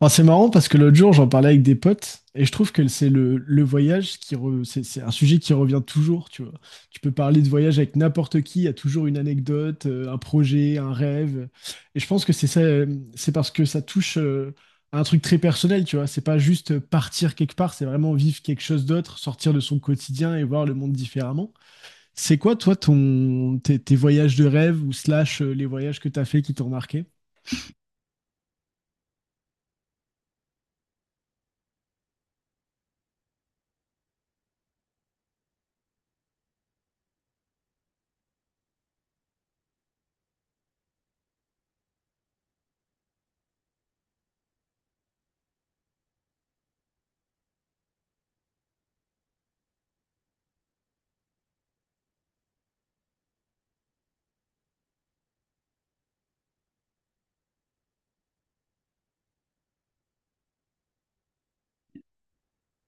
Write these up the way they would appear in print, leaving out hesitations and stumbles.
Enfin, c'est marrant parce que l'autre jour, j'en parlais avec des potes et je trouve que c'est le voyage c'est un sujet qui revient toujours, tu vois. Tu peux parler de voyage avec n'importe qui, il y a toujours une anecdote, un projet, un rêve. Et je pense que c'est ça, c'est parce que ça touche à un truc très personnel, tu vois. C'est pas juste partir quelque part, c'est vraiment vivre quelque chose d'autre, sortir de son quotidien et voir le monde différemment. C'est quoi, toi, ton, tes voyages de rêve ou slash les voyages que tu as fait qui t'ont marqué?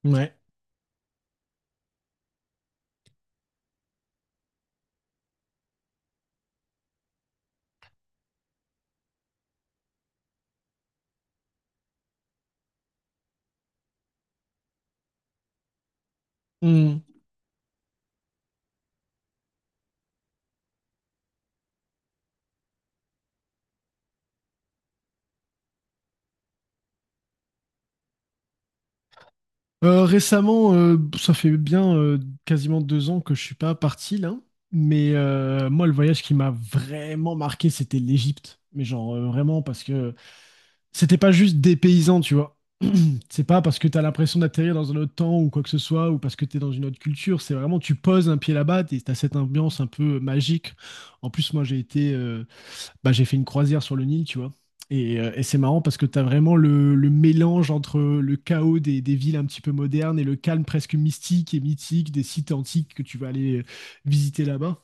Ouais. Récemment, ça fait bien quasiment 2 ans que je suis pas parti là, mais moi le voyage qui m'a vraiment marqué c'était l'Égypte, mais genre vraiment parce que c'était pas juste des paysans, tu vois. C'est pas parce que t'as l'impression d'atterrir dans un autre temps ou quoi que ce soit ou parce que t'es dans une autre culture, c'est vraiment tu poses un pied là-bas et t'as cette ambiance un peu magique. En plus moi j'ai été bah, j'ai fait une croisière sur le Nil, tu vois. Et c'est marrant parce que tu as vraiment le mélange entre le chaos des villes un petit peu modernes et le calme presque mystique et mythique des sites antiques que tu vas aller visiter là-bas.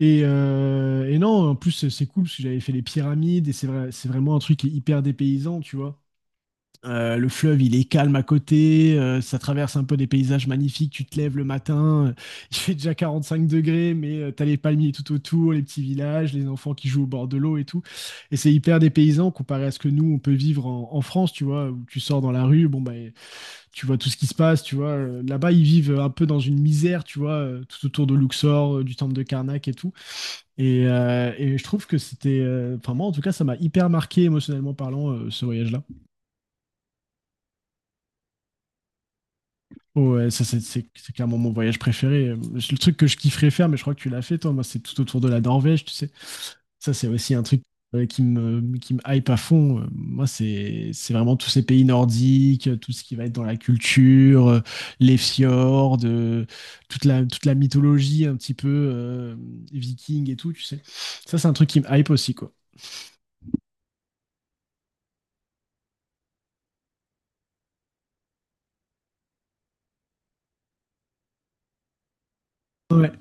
Et non, en plus, c'est cool parce que j'avais fait les pyramides et c'est vrai, c'est vraiment un truc qui est hyper dépaysant, tu vois. Le fleuve, il est calme à côté, ça traverse un peu des paysages magnifiques, tu te lèves le matin, il fait déjà 45 degrés, mais tu as les palmiers tout autour, les petits villages, les enfants qui jouent au bord de l'eau et tout. Et c'est hyper dépaysant comparé à ce que nous, on peut vivre en France, tu vois, où tu sors dans la rue, bon, bah, tu vois tout ce qui se passe, tu vois. Là-bas, ils vivent un peu dans une misère, tu vois, tout autour de Luxor, du temple de Karnak et tout. Et je trouve que c'était, enfin moi en tout cas, ça m'a hyper marqué émotionnellement parlant, ce voyage-là. Ouais, ça c'est clairement mon voyage préféré. Le truc que je kifferais faire, mais je crois que tu l'as fait toi, moi c'est tout autour de la Norvège, tu sais. Ça c'est aussi un truc qui me hype à fond. Moi c'est vraiment tous ces pays nordiques, tout ce qui va être dans la culture, les fjords, toute la mythologie un petit peu viking et tout, tu sais. Ça c'est un truc qui me hype aussi, quoi. Ouais.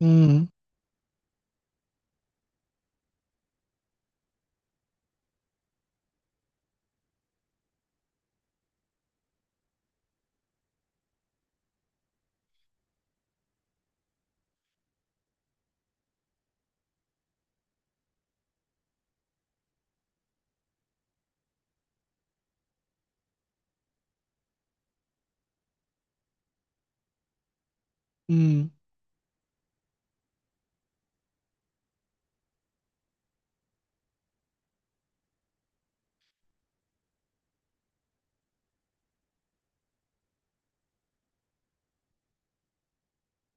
Mhm. Mhm.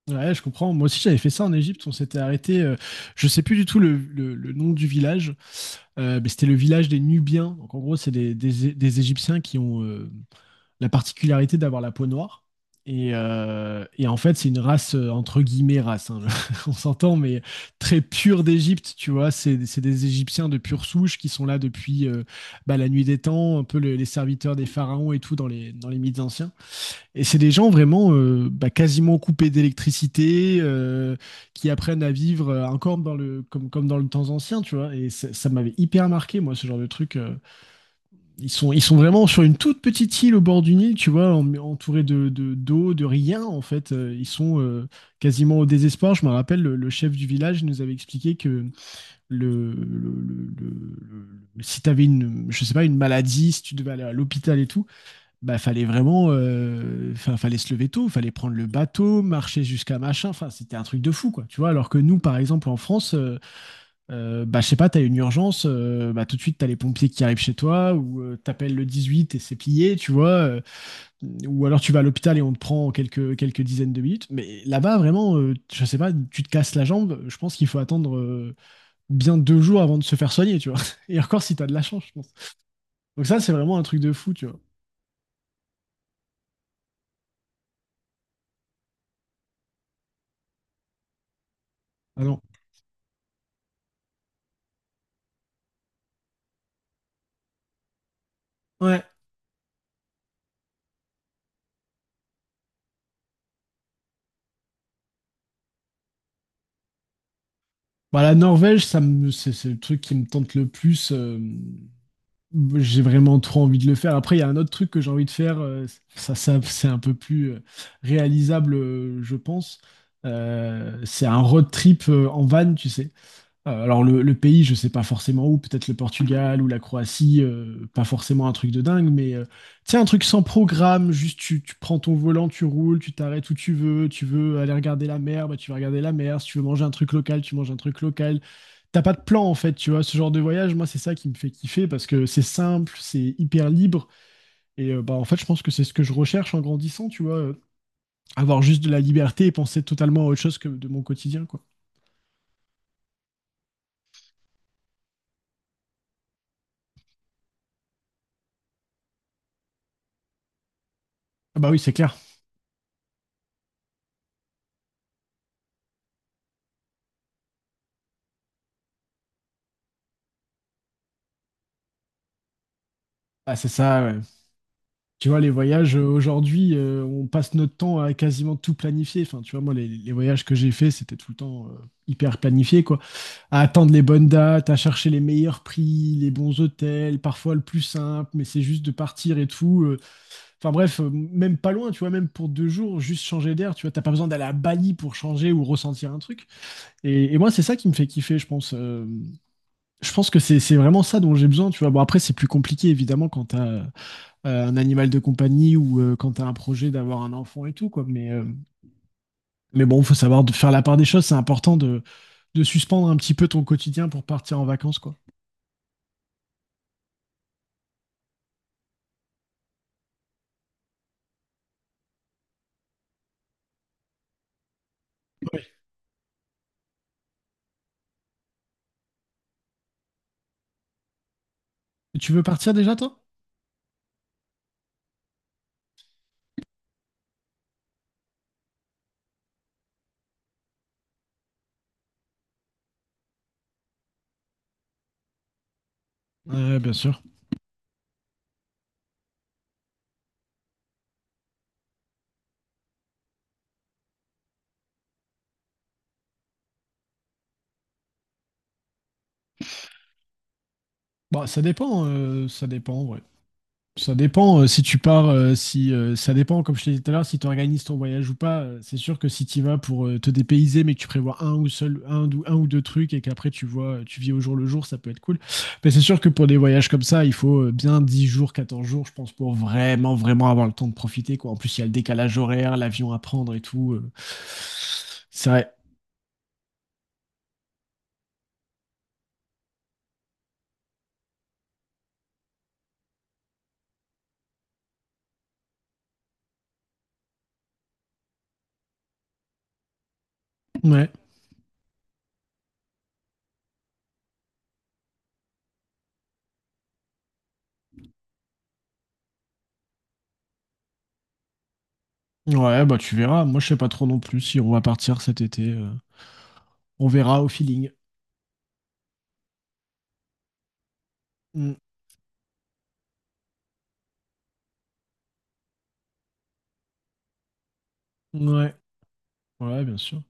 Ouais, je comprends. Moi aussi, j'avais fait ça en Égypte. On s'était arrêté, je sais plus du tout le nom du village, mais c'était le village des Nubiens. Donc, en gros, c'est des Égyptiens qui ont la particularité d'avoir la peau noire. Et en fait, c'est une race, entre guillemets, race, hein, on s'entend, mais très pure d'Égypte, tu vois. C'est des Égyptiens de pure souche qui sont là depuis bah, la nuit des temps, un peu les serviteurs des pharaons et tout dans les mythes anciens. Et c'est des gens vraiment bah, quasiment coupés d'électricité, qui apprennent à vivre encore comme dans le temps ancien, tu vois. Et ça m'avait hyper marqué, moi, ce genre de truc. Ils sont vraiment sur une toute petite île au bord du Nil, tu vois, entourés d'eau, de rien, en fait. Ils sont quasiment au désespoir. Je me rappelle, le chef du village nous avait expliqué que le, le, le, le- si tu avais une, je sais pas, une maladie, si tu devais aller à l'hôpital et tout, bah, fallait vraiment, fin, fallait se lever tôt, fallait prendre le bateau, marcher jusqu'à machin. Enfin, c'était un truc de fou, quoi. Tu vois, alors que nous, par exemple, en France, bah, je sais pas, t'as une urgence, bah, tout de suite, t'as les pompiers qui arrivent chez toi, ou t'appelles le 18 et c'est plié, tu vois. Ou alors tu vas à l'hôpital et on te prend en quelques dizaines de minutes. Mais là-bas, vraiment, je sais pas, tu te casses la jambe, je pense qu'il faut attendre bien 2 jours avant de se faire soigner, tu vois. Et encore si t'as de la chance, je pense. Donc ça, c'est vraiment un truc de fou, tu vois. Ah non. Ouais. Bah, la Norvège, c'est le truc qui me tente le plus. J'ai vraiment trop envie de le faire. Après, il y a un autre truc que j'ai envie de faire. Ça, c'est un peu plus réalisable, je pense. C'est un road trip en van, tu sais. Alors, le pays, je sais pas forcément où. Peut-être le Portugal ou la Croatie. Pas forcément un truc de dingue, mais tu sais, un truc sans programme. Juste, tu prends ton volant, tu roules, tu t'arrêtes où tu veux. Tu veux aller regarder la mer, bah, tu vas regarder la mer. Si tu veux manger un truc local, tu manges un truc local. T'as pas de plan en fait, tu vois. Ce genre de voyage, moi, c'est ça qui me fait kiffer parce que c'est simple, c'est hyper libre. Et bah, en fait, je pense que c'est ce que je recherche en grandissant, tu vois. Avoir juste de la liberté et penser totalement à autre chose que de mon quotidien, quoi. Ah bah oui, c'est clair. Ah, c'est ça, ouais. Tu vois, les voyages aujourd'hui, on passe notre temps à quasiment tout planifier. Enfin, tu vois, moi, les voyages que j'ai faits, c'était tout le temps hyper planifié, quoi. À attendre les bonnes dates, à chercher les meilleurs prix, les bons hôtels, parfois le plus simple, mais c'est juste de partir et tout. Enfin bref, même pas loin, tu vois, même pour 2 jours, juste changer d'air, tu vois, t'as pas besoin d'aller à Bali pour changer ou ressentir un truc. Et moi, c'est ça qui me fait kiffer, je pense. Je pense que c'est vraiment ça dont j'ai besoin, tu vois. Bon, après, c'est plus compliqué, évidemment, quand t'as un animal de compagnie ou quand t'as un projet d'avoir un enfant et tout, quoi. Mais bon, faut savoir de faire la part des choses, c'est important de suspendre un petit peu ton quotidien pour partir en vacances, quoi. Ouais. Tu veux partir déjà, toi? Ouais, bien sûr. Bah, ça dépend, ouais. Ça dépend si tu pars, si ça dépend, comme je te disais tout à l'heure, si tu organises ton voyage ou pas. C'est sûr que si tu y vas pour te dépayser, mais que tu prévois un ou seul, un ou deux trucs et qu'après tu vois, tu vis au jour le jour, ça peut être cool. Mais c'est sûr que pour des voyages comme ça, il faut bien 10 jours, 14 jours, je pense, pour vraiment, vraiment avoir le temps de profiter, quoi. En plus, il y a le décalage horaire, l'avion à prendre et tout. C'est vrai. Ouais. Ouais, bah tu verras. Moi, je sais pas trop non plus si on va partir cet été. On verra au feeling. Mm. Ouais. Ouais, bien sûr.